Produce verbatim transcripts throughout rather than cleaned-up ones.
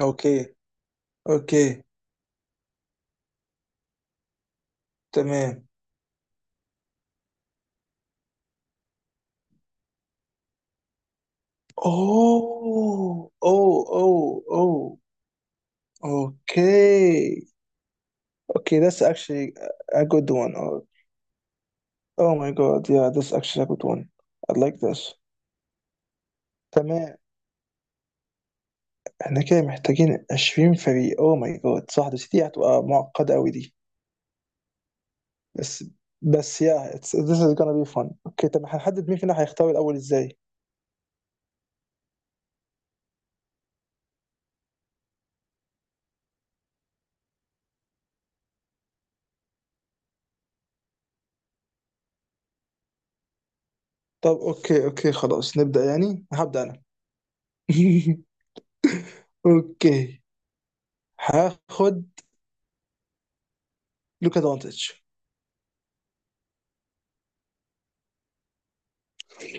اوكي. اوكي تمام. اوه اوه اوه اوه اوكي اوكي that's actually a good one. Oh, oh my god, yeah, that's actually a good one. I like this. تمام، احنا كده محتاجين عشرين فريق. Oh my god صح، بس دي هتبقى معقدة قوي دي. بس بس yeah it's, this is gonna be fun. اوكي، طب هنحدد مين فينا هيختار الأول ازاي؟ طب اوكي اوكي خلاص نبدأ، يعني هبدأ انا. اوكي، هاخد لوكا دونتش.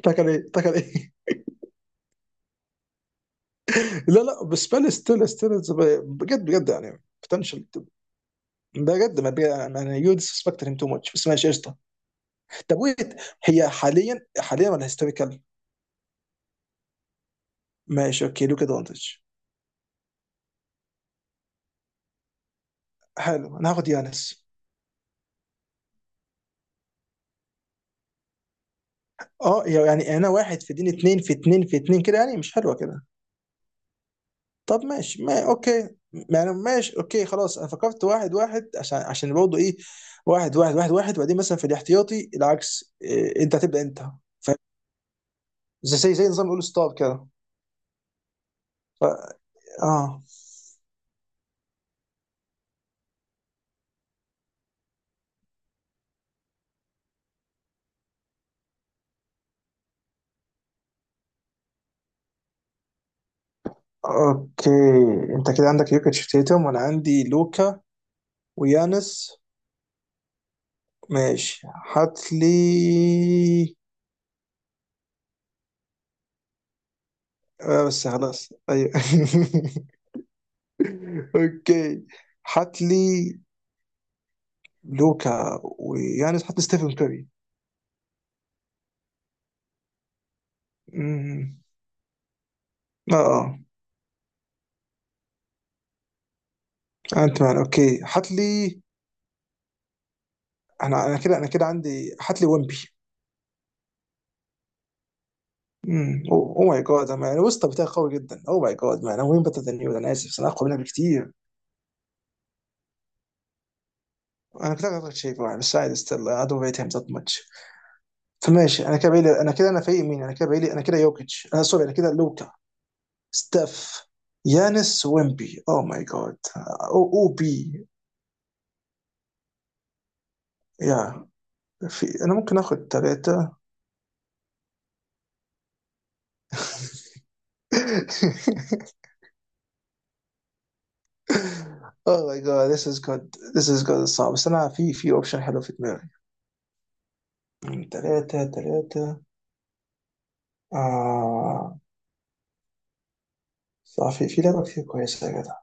تاكل ايه تاكل ايه. لا لا، بس بالي ستيل ستيل بجد بجد، يعني بوتنشال. بجد ما بي... يعني يو ديسبكت هيم تو ماتش، بس ماشي قشطه. طب ويت، هي حاليا حاليا ولا هيستوريكال؟ ماشي اوكي، لوكا دونتش. حلو، انا هاخد يانس. اه يعني انا واحد في دين، اتنين في اتنين في اتنين كده، يعني مش حلوه كده. طب ماشي، ما اوكي. يعني ماشي اوكي خلاص، انا فكرت واحد واحد عشان عشان برضه ايه، واحد واحد واحد واحد، وبعدين مثلا في الاحتياطي العكس، إيه انت هتبدا انت. زي زي زي نظام الاول ستار كده. ف... اه. اوكي، انت كده عندك يوكيتش تيتم وانا عندي لوكا ويانس. ماشي، هات لي. آه بس خلاص ايوه. اوكي، هات لي لوكا ويانس، هات لي ستيفن كوري. أمم، اه اه. انت مان، اوكي هات لي. انا انا كده انا كده عندي هات لي ويمبي. أمم، اوه ماي جاد، انا الوسط بتاعي قوي جدا، اوه ماي جاد مان، انا وين بتاع. انا اسف، انا اقوى منها بكتير. انا بتلعب شيء معي، بس عادي ستيل. I don't rate him that much. فماشي انا كده بعيلي انا كده انا فريق مين انا كده بعيلي انا كده يوكيتش، انا سوري، انا كده لوكا، ستاف، يانس، ويمبي. او ماي جاد، او او بي. يا في، انا ممكن اخد ثلاثة. او ماي جاد. This is good, this is good. صعب، بس انا في في اوبشن حلو في دماغي. ثلاثة ثلاثة، آه صح، في في لعبة كتير كويسة يا جدع.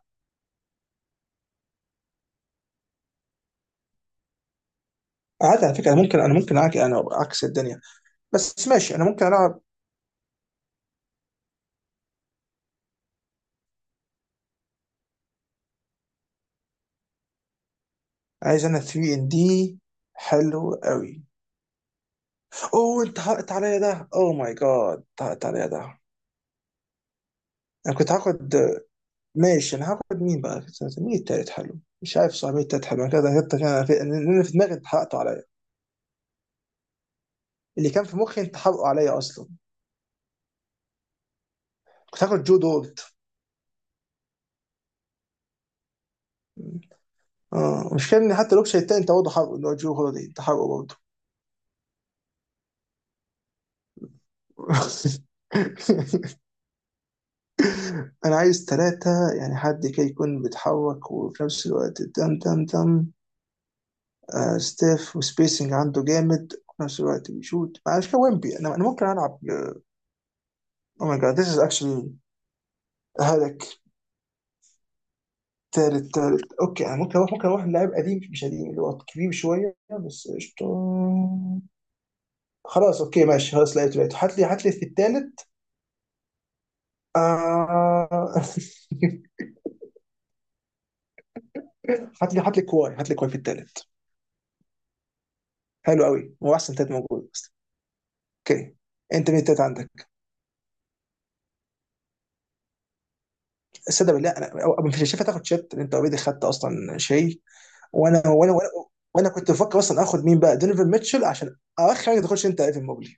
عادي على فكرة، انا ممكن انا ممكن أعك- انا عكس الدنيا، بس ماشي انا ممكن العب. عايز انا ثلاثة ان دي. حلو قوي. اوه انت حرقت عليا ده، اوه ماي جاد حرقت عليا ده. انا كنت هاخد. ماشي، انا هاخد مين بقى؟ مين التالت حلو مش عارف، صح مين التالت حلو، انا كده كده كده- انا في, أنا في دماغي انت حرقته عليا. اللي كان في مخي انت حرقه عليا اصلا. كنت هاخد جو دولت. اه، مش كان حتى الاوبشن التاني انت برضه حرقه؟ اللي هو جو هوليدي انت حرقه برضه. انا عايز ثلاثة، يعني حد كده يكون بيتحرك وفي نفس الوقت دم دم دم. آه، ستيف وسبيسنج عنده جامد وفي نفس الوقت بيشوت، معلش كوينبي انا انا ممكن العب. او ماي جاد، ذيس از اكشلي هلك. تالت تالت اوكي، انا ممكن اروح، ممكن اروح للاعب قديم، مش قديم اللي هو كبير شويه بس قشطه. خلاص اوكي ماشي، خلاص لقيته لقيته، هات لي هات لي في التالت. آه... هات لي هات لي كواي هات لي كواي في التالت. حلو قوي، هو احسن تالت موجود اصلا. اوكي، انت مين التالت عندك؟ السادة بالله، انا أو- أو مش شايفها تاخد شات، لأن انت اوريدي خدت اصلا شيء. وانا وانا وانا, وأنا كنت بفكر اصلا اخد مين بقى، دونيفن ميتشل، عشان اخر حاجه تخش انت ايفن موبلي.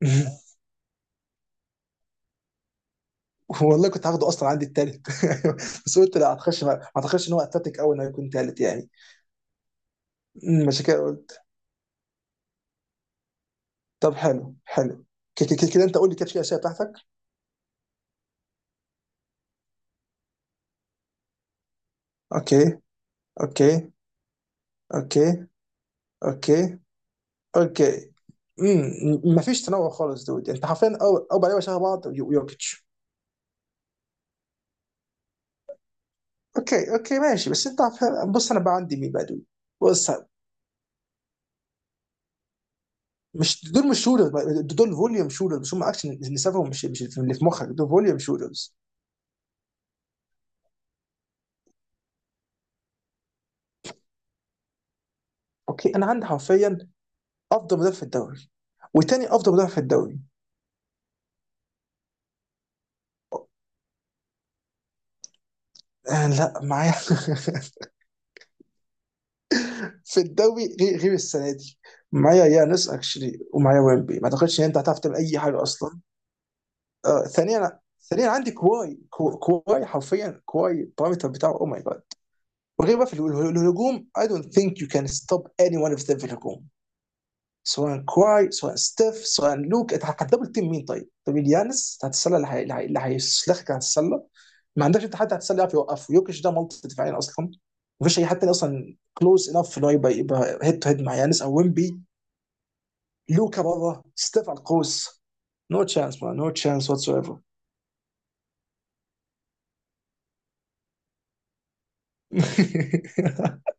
والله كنت هاخده اصلا عندي التالت. بس قلت لا هتخش ما هتخش، ان هو اتلتيك قوي انه يكون تالت يعني. أمم، عشان كده قلت. طب حلو حلو. ك- ك- ك- كده انت قول لي كده الاسئله بتاعتك. اوكي اوكي اوكي اوكي اوكي. امم، مفيش تنوع خالص دود، انت حرفيا أر- اربع لعيبه شبه بعض ويو- ويوكيتش. اوكي اوكي ماشي، بس انت عارف- بص، انا بقى عندي مين بقى دود. بص، مش دول مش شوترز، دول فوليوم شوترز بس، هم اكشن اللي سافهم، مش مش اللي في مخك، دول فوليوم شوترز. اوكي، انا عندي حرفيا افضل مدافع في الدوري وتاني افضل مدافع في الدوري. آه لا معايا. في الدوري، غير غير السنه دي. معايا يانس اكشلي، ومعايا ويمبي، ما اعتقدش ان انت هتعرف تعمل اي حاجه اصلا. آه، ثانيا ثانيا عندي كواي، كو- كواي حرفيا، كواي البارامتر بتاعه او ماي جاد. وغير بقى في الهجوم I don't think you can stop any one of them في الهجوم. سواء كواي سواء ستيف سواء لوك، انت هتدبل تيم مين طيب؟ طب اليانس هتتسلى، اللي هي- اللي هي- اللي هيسلخك هتتسلى. ما عندكش انت حد هتتسلى يعرف يوقفه، يوكيش ده مالتي دفاعيا اصلا. مفيش اي حد تاني اصلا كلوز انف ان هو يبقى يبقى هيد تو هيد مع يانس او ويمبي. لوكا بره، ستيف على القوس. نو تشانس مان، نو تشانس واتس ايفر.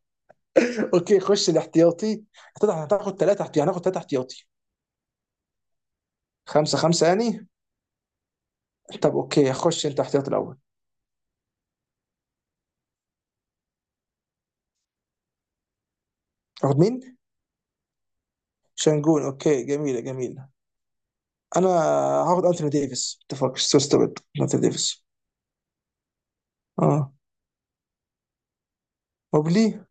اوكي، خش الاحتياطي. اعتقد هتاخد ثلاثه احتياطي، هناخد ثلاثه احتياطي. خمسه خمسه يعني. طب اوكي، خش انت احتياطي الاول. تاخد مين؟ شانجون، اوكي، جميله جميله. انا هاخد انثوني ديفيس، اتفق سو ستوبد انثوني ديفيس. اه، موبلي.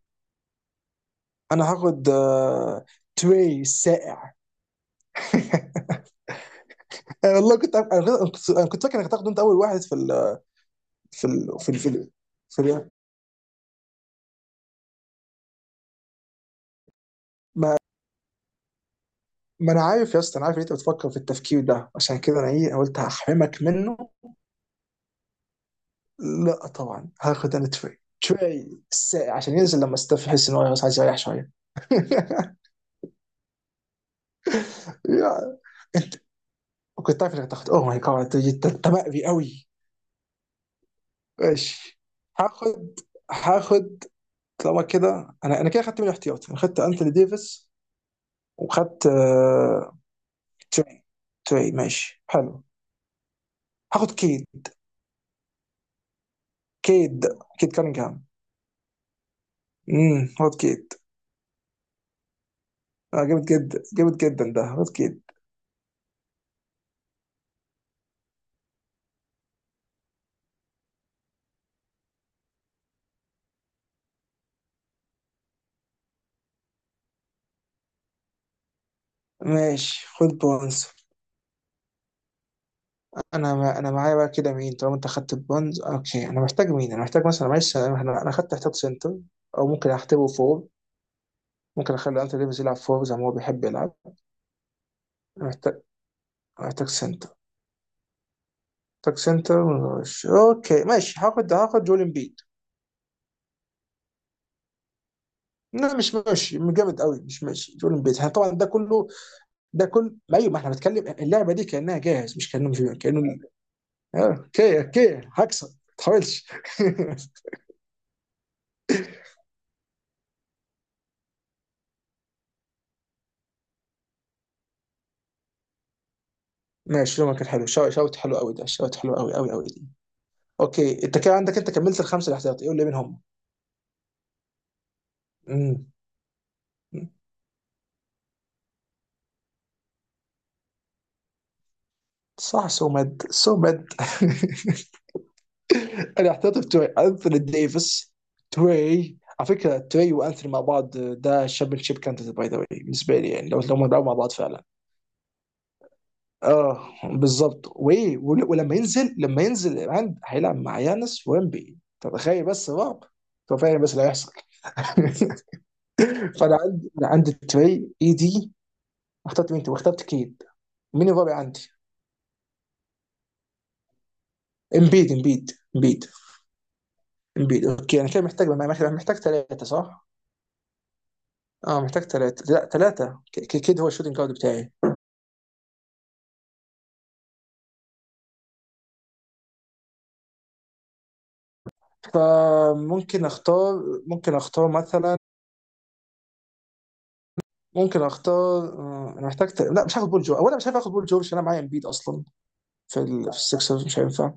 انا هاخد آه، تري السائع. والله كنت عارف- أنا كنت أنا كنت فاكر انك هتاخده انت اول واحد في ال. في ال في ال في, ال في ال ما, ما انا عارف يا اسطى، انا عارف ان انت بتفكر في التفكير ده، عشان كده انا ايه قلت هحرمك منه. لا طبعا هاخد انا تري تري السائع، عشان ينزل لما استف يحس ان هو خلاص عايز يريح شويه. يا- انت كنت عارف انك هتاخد، اوه ماي جاد، انت أنت مأوي قوي. ماشي. هاخد هاخد، طالما كده، انا انا كده خدت من الاحتياط انا خدت انتوني ديفيس، وخدت آه، تري. تري، ماشي حلو. هاخد كيد. كيد، كيد كانجهام. امم، هاخد كيد. آه جامد جدا جامد جدا، ده هاخد كيد. ماشي، خد بونز. انا ما انا معايا بقى كده مين، طالما انت خدت البونز. اوكي، انا محتاج مين، انا محتاج مثلا، معلش، انا أنا- أنا خدت احتياط سنتر، او ممكن احتبه فور. ممكن اخلي انتوني ديفيس يلعب فور زي ما هو بيحب يلعب. أنا محتاج، محتاج سنتر، باك سنتر، مش اوكي ماشي، هاخد هاخد جول امبيد. لا مش ماشي، مش جامد قوي مش ماشي جول امبيد احنا، طبعا ده كله. ده كل ما ايوه، ما احنا بنتكلم اللعبه دي كانها جاهز، مش كانه مش كانه. آه، اوكي اوكي هكسب ما تحاولش. ماشي، يومك كان حلو، شو- شوت حلو قوي ده، شوت حلو قوي قوي قوي دي. اوكي، انت كده عندك، انت كملت الخمسه الاحتياطي، قول لي مين هم. امم، صح سومد سومد. انا احترت توي انثوني ديفيس. توي على فكره، توي وانثوني مع بعض ده شيب كانت باي ذا واي بالنسبه لي، يعني لو لو هم لعبوا مع بعض فعلا. اه بالظبط، وي ول- ولما ينزل، لما ينزل عند هيلعب مع يانس ويمبي، طب تخيل بس، رعب. طب فاهم بس اللي هيحصل. فانا عندي، أنا عندي تري اي دي. اخترت مين انت؟ واخترت كيد. مين الرابع عندي؟ امبيد، امبيد، امبيد، امبيد. اوكي، انا كده محتاج محتاج محتاج ثلاثه صح؟ اه، محتاج ثلاثة، لا ثلاثة، كيد هو الشوتنج جارد بتاعي. فممكن اختار، ممكن اختار مثلا، ممكن اختار آه، انا محتاج ت... لا مش هاخد بول جو، اولا مش هاخد بول جو عشان انا معايا امبيد اصلا، في ال... في السكسرز مش هينفع.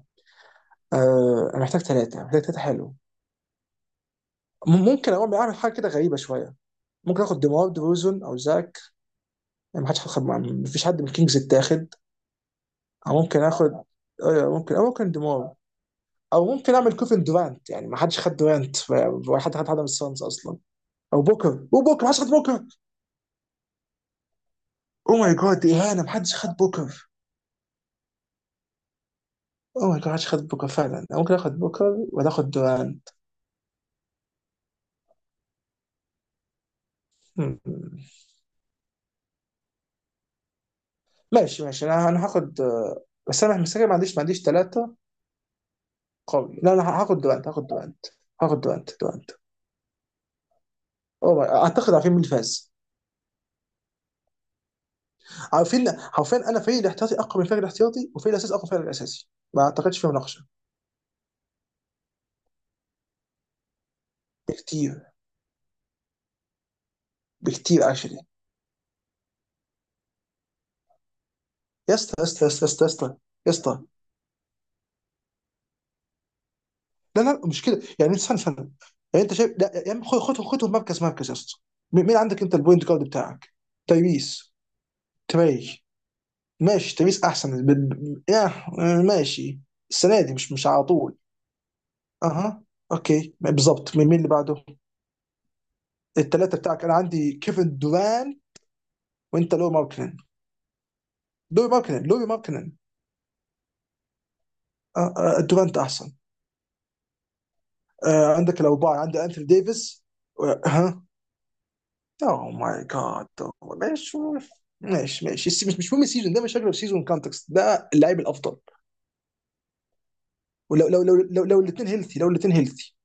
آه... انا محتاج ثلاثة، محتاج ثلاثة حلو. م- ممكن اقوم اعمل حاجة كده غريبة شوية. ممكن اخد ديمار دروزن او زاك، يعني ما حدش هاخد، ما فيش حد من الكينجز اتاخد. او ممكن اخد، ايوه ممكن، او ممكن ديمار. او ممكن اعمل كوفن دورانت، يعني ما حدش خد دورانت، ولا حد خد حد من السانز اصلا. او بوكر، وبوكر ما حدش خد بوكر. او ماي جاد دي اهانه، ما حدش خد بوكر. او ماي جاد، ما حدش خد بوكر فعلا. انا ممكن اخد بوكر ولا اخد دوران. مم. ماشي ماشي، انا انا هاخد آه، بس انا مسكر، ما عنديش ما عنديش ثلاثه قوي. لا انا هاخد دورانت، هاخد دورانت، هاخد دورانت، دورانت. او ماي، اعتقد عارفين مين اللي فاز. عارفين عارفين، انا فريق الاحتياطي اقوى من الفريق الاحتياطي، وفريق الاساسي اقوى من الفريق الاساسي، ما اعتقدش فيه مناقشه. بكتير، بكتير اكشلي. يا اسطى يا اسطى يا اسطى يا اسطى يا اسطى، لا لا مش كده يعني، استنى استنى. يعني انت شايف، لا يا عم خد، خد خدهم مركز مركز يا اسطى. مين، مين عندك انت البوينت جارد بتاعك؟ تايريس، تري. ماشي، تايريس احسن ب... ب... آه، آه، ماشي. السنه دي مش مش على طول. اها، اوكي بالظبط، مين مين اللي بعده. الثلاثه بتاعك، انا عندي كيفن دوران، وانت لو ماركنن لو ماركنن لو ماركنن، آه، آه، دورانت احسن. آه، عندك الاربعه، عندي انثوني ديفيس. ها، اوه ماي جاد. ماشي ماشي ماشي، السي- مش مش مهم السيزون ده، مش شكله السيزون، كونتكست ده اللاعب الافضل. ولو لو لو لو, لو الاثنين هيلثي، لو الاثنين هيلثي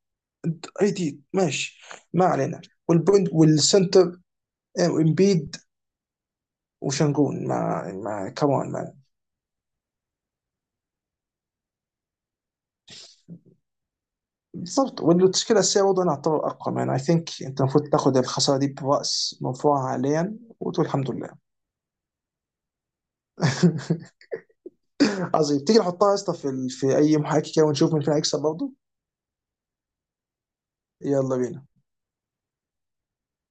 اي دي ماشي. ما علينا. والبوينت والسنتر، آه، وامبيد. وشنجون ما ما كمان ما بالضبط. والتشكيله الاساسيه برضه انا اعتبر اقوى مان، اي ثينك انت المفروض تاخد الخساره دي براس مرفوعه حاليا وتقول الحمد لله. عظيم، تيجي نحطها يا اسطى في ال- في اي محاكي كده ونشوف مين فينا هيكسب برضه. يلا بينا.